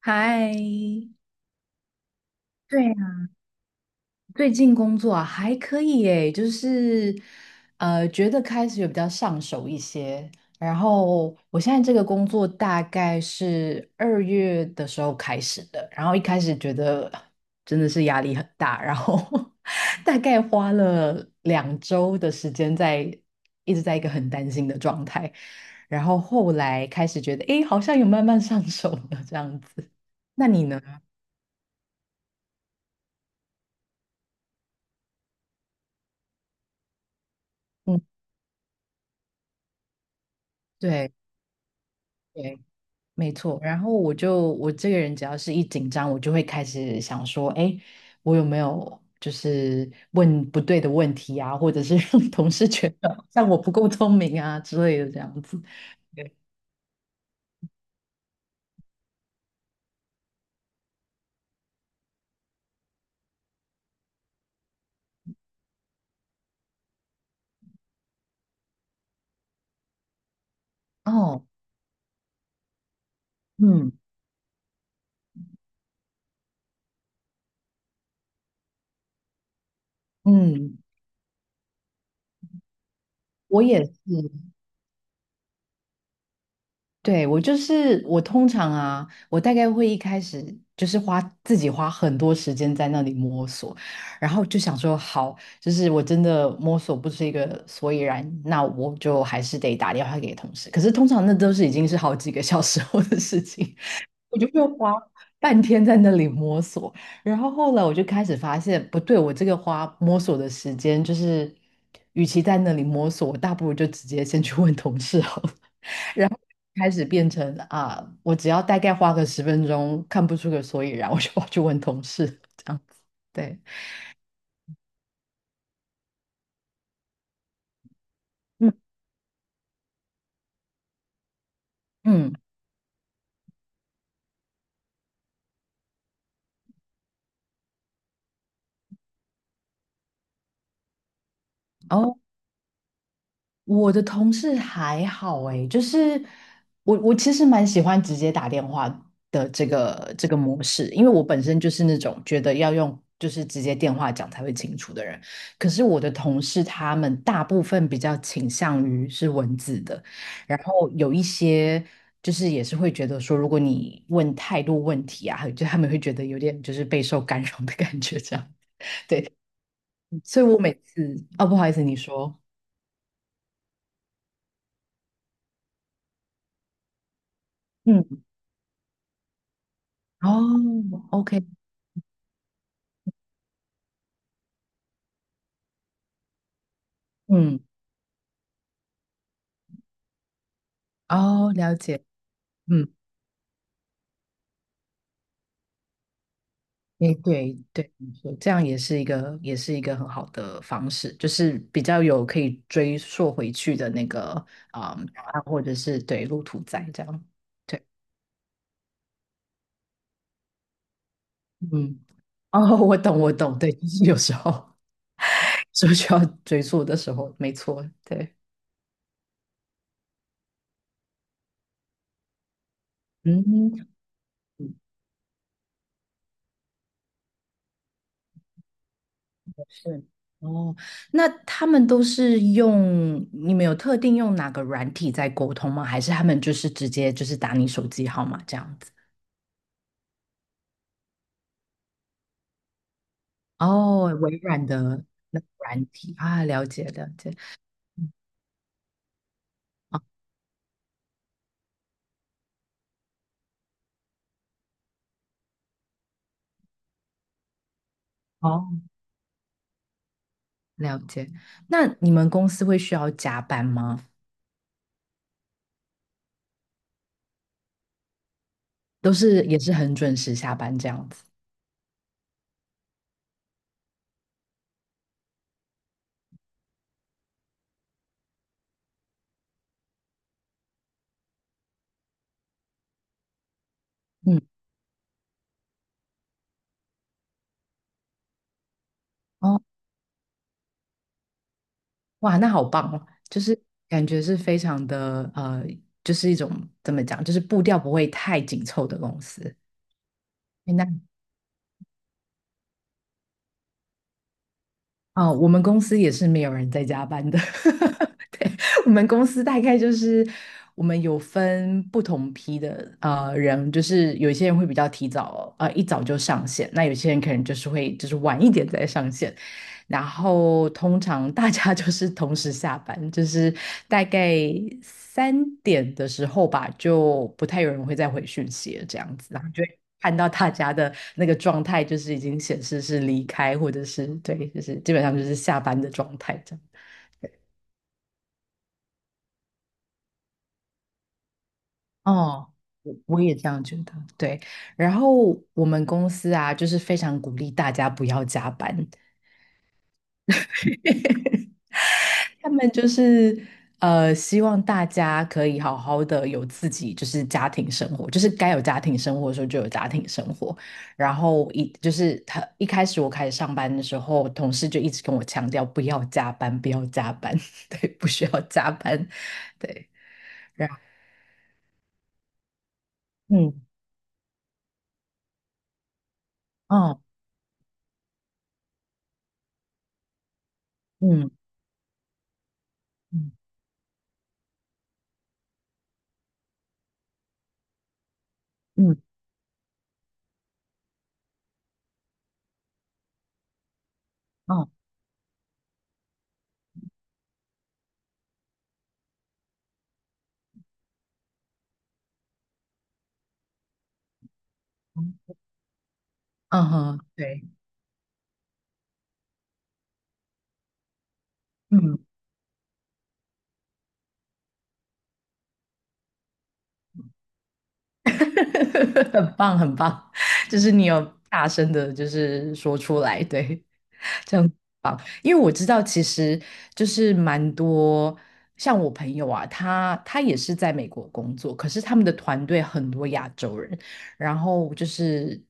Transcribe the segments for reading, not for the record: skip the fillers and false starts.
嗨，对呀，最近工作啊还可以诶，就是觉得开始有比较上手一些。然后我现在这个工作大概是2月的时候开始的，然后一开始觉得真的是压力很大，然后 大概花了2周的时间在一直在一个很担心的状态，然后后来开始觉得，诶，好像有慢慢上手了这样子。那你呢？嗯，对对。没错，然后我这个人只要是一紧张，我就会开始想说，哎，我有没有就是问不对的问题啊，或者是让 同事觉得像我不够聪明啊之类的这样子。对哦，嗯嗯，我也是，对，我就是我通常啊，我大概会一开始就是花自己花很多时间在那里摸索，然后就想说好，就是我真的摸索不出一个所以然，那我就还是得打电话给同事。可是通常那都是已经是好几个小时后的事情，我就会花半天在那里摸索。然后后来我就开始发现不对，我这个花摸索的时间就是，与其在那里摸索，我大不如就直接先去问同事好了。然后开始变成啊，我只要大概花个10分钟看不出个所以然，我就跑去问同事这样子。对，嗯嗯，哦，我的同事还好诶，就是我其实蛮喜欢直接打电话的这个模式，因为我本身就是那种觉得要用就是直接电话讲才会清楚的人。可是我的同事他们大部分比较倾向于是文字的，然后有一些就是也是会觉得说，如果你问太多问题啊，就他们会觉得有点就是备受干扰的感觉这样。对，所以我每次哦，不好意思，你说。嗯。哦，OK，嗯，哦，了解，嗯，诶，对对，没错，这样也是一个，也是一个很好的方式，就是比较有可以追溯回去的那个啊、答案或者是对路途在这样，对，嗯，哦，我懂，我懂，对，就是有时候 是需要追溯的时候，没错，对，嗯嗯，是，哦，那他们都是用，你们有特定用哪个软体在沟通吗？还是他们就是直接就是打你手机号码这样子？哦，微软的那个软体啊，了解了解，哦，哦了解。那你们公司会需要加班吗？都是也是很准时下班这样子。嗯，哦，哇，那好棒哦，就是感觉是非常的就是一种怎么讲，就是步调不会太紧凑的公司。诶那啊、我们公司也是没有人在加班的。对，我们公司大概就是我们有分不同批的人，就是有一些人会比较提早一早就上线，那有些人可能就是会就是晚一点再上线。然后通常大家就是同时下班，就是大概3点的时候吧，就不太有人会再回讯息了，这样子，然后就会看到大家的那个状态，就是已经显示是离开，或者是对，就是基本上就是下班的状态这样。哦，我也这样觉得，对。然后我们公司啊，就是非常鼓励大家不要加班。他们就是希望大家可以好好的有自己就是家庭生活，就是该有家庭生活的时候就有家庭生活。然后一就是他一开始我开始上班的时候，同事就一直跟我强调不要加班，不要加班，对，不需要加班，对，然后嗯，哦，嗯嗯嗯，哦，嗯嗯哼，对，嗯，很棒很棒，就是你有大声的，就是说出来，对，因为我知道其实就是蛮多像我朋友啊，他也是在美国工作，可是他们的团队很多亚洲人，然后就是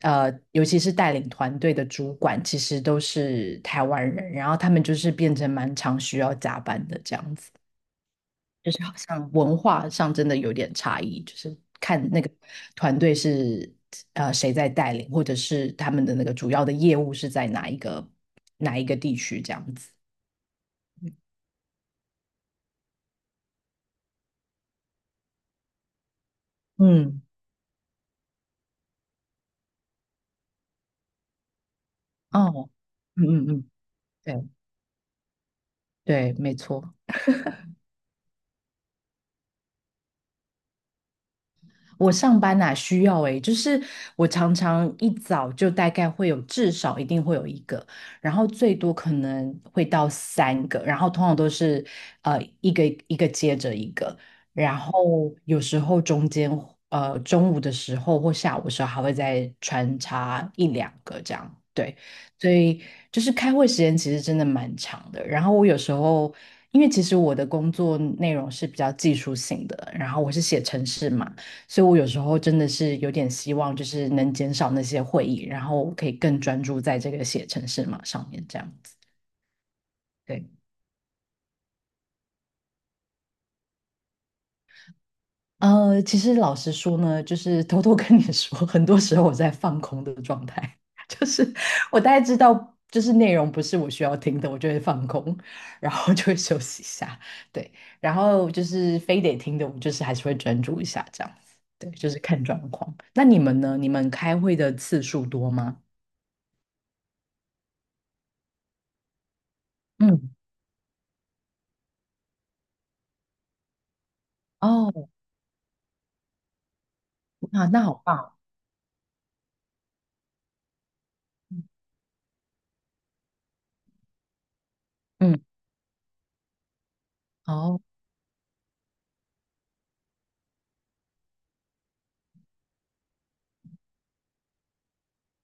尤其是带领团队的主管，其实都是台湾人，然后他们就是变成蛮常需要加班的这样子。就是好像文化上真的有点差异，就是看那个团队是谁在带领，或者是他们的那个主要的业务是在哪一个地区这样子。嗯，哦，嗯嗯嗯，对对，没错。我上班哪、需要诶、就是我常常一早就大概会有至少一定会有一个，然后最多可能会到三个，然后通常都是一个一个接着一个，然后有时候中间中午的时候或下午的时候还会再穿插一两个这样，对，所以就是开会时间其实真的蛮长的，然后我有时候。因为其实我的工作内容是比较技术性的，然后我是写程式嘛。所以我有时候真的是有点希望，就是能减少那些会议，然后可以更专注在这个写程式码上面这样子。对，其实老实说呢，就是偷偷跟你说，很多时候我在放空的状态，就是我大概知道。就是内容不是我需要听的，我就会放空，然后就会休息一下，对，然后就是非得听的，我就是还是会专注一下这样子，对，就是看状况。那你们呢？你们开会的次数多吗？嗯，哦，啊，那好棒哦，嗯，好，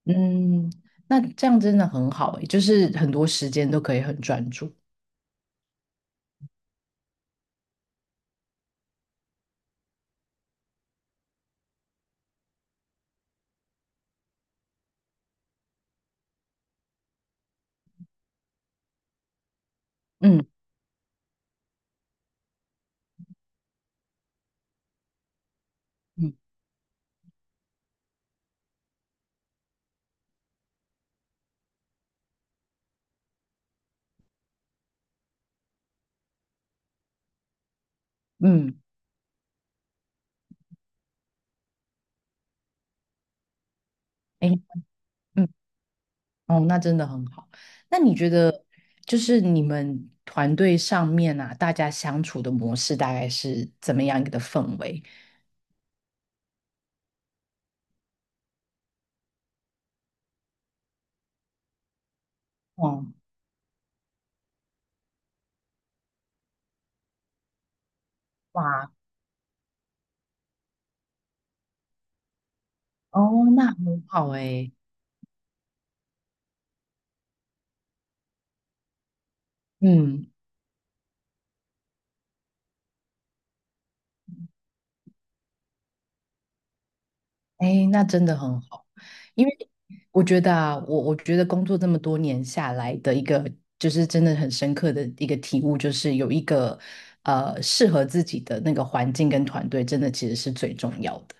嗯，那这样真的很好诶，就是很多时间都可以很专注。嗯嗯嗯，哎，嗯，哦，那真的很好。那你觉得，就是你们团队上面啊，大家相处的模式大概是怎么样一个的氛围？哦，哇，哦，那很好诶，嗯。哎，那真的很好，因为我觉得啊，我觉得工作这么多年下来的一个，就是真的很深刻的一个体悟，就是有一个适合自己的那个环境跟团队，真的其实是最重要的。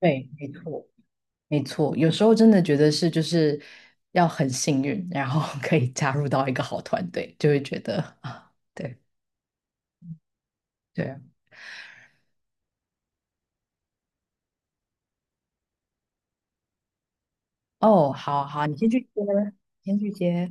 对，没错，没错，有时候真的觉得是就是要很幸运，然后 可以加入到一个好团队，就会觉得啊，对对，哦，好好，你先去接，先去接。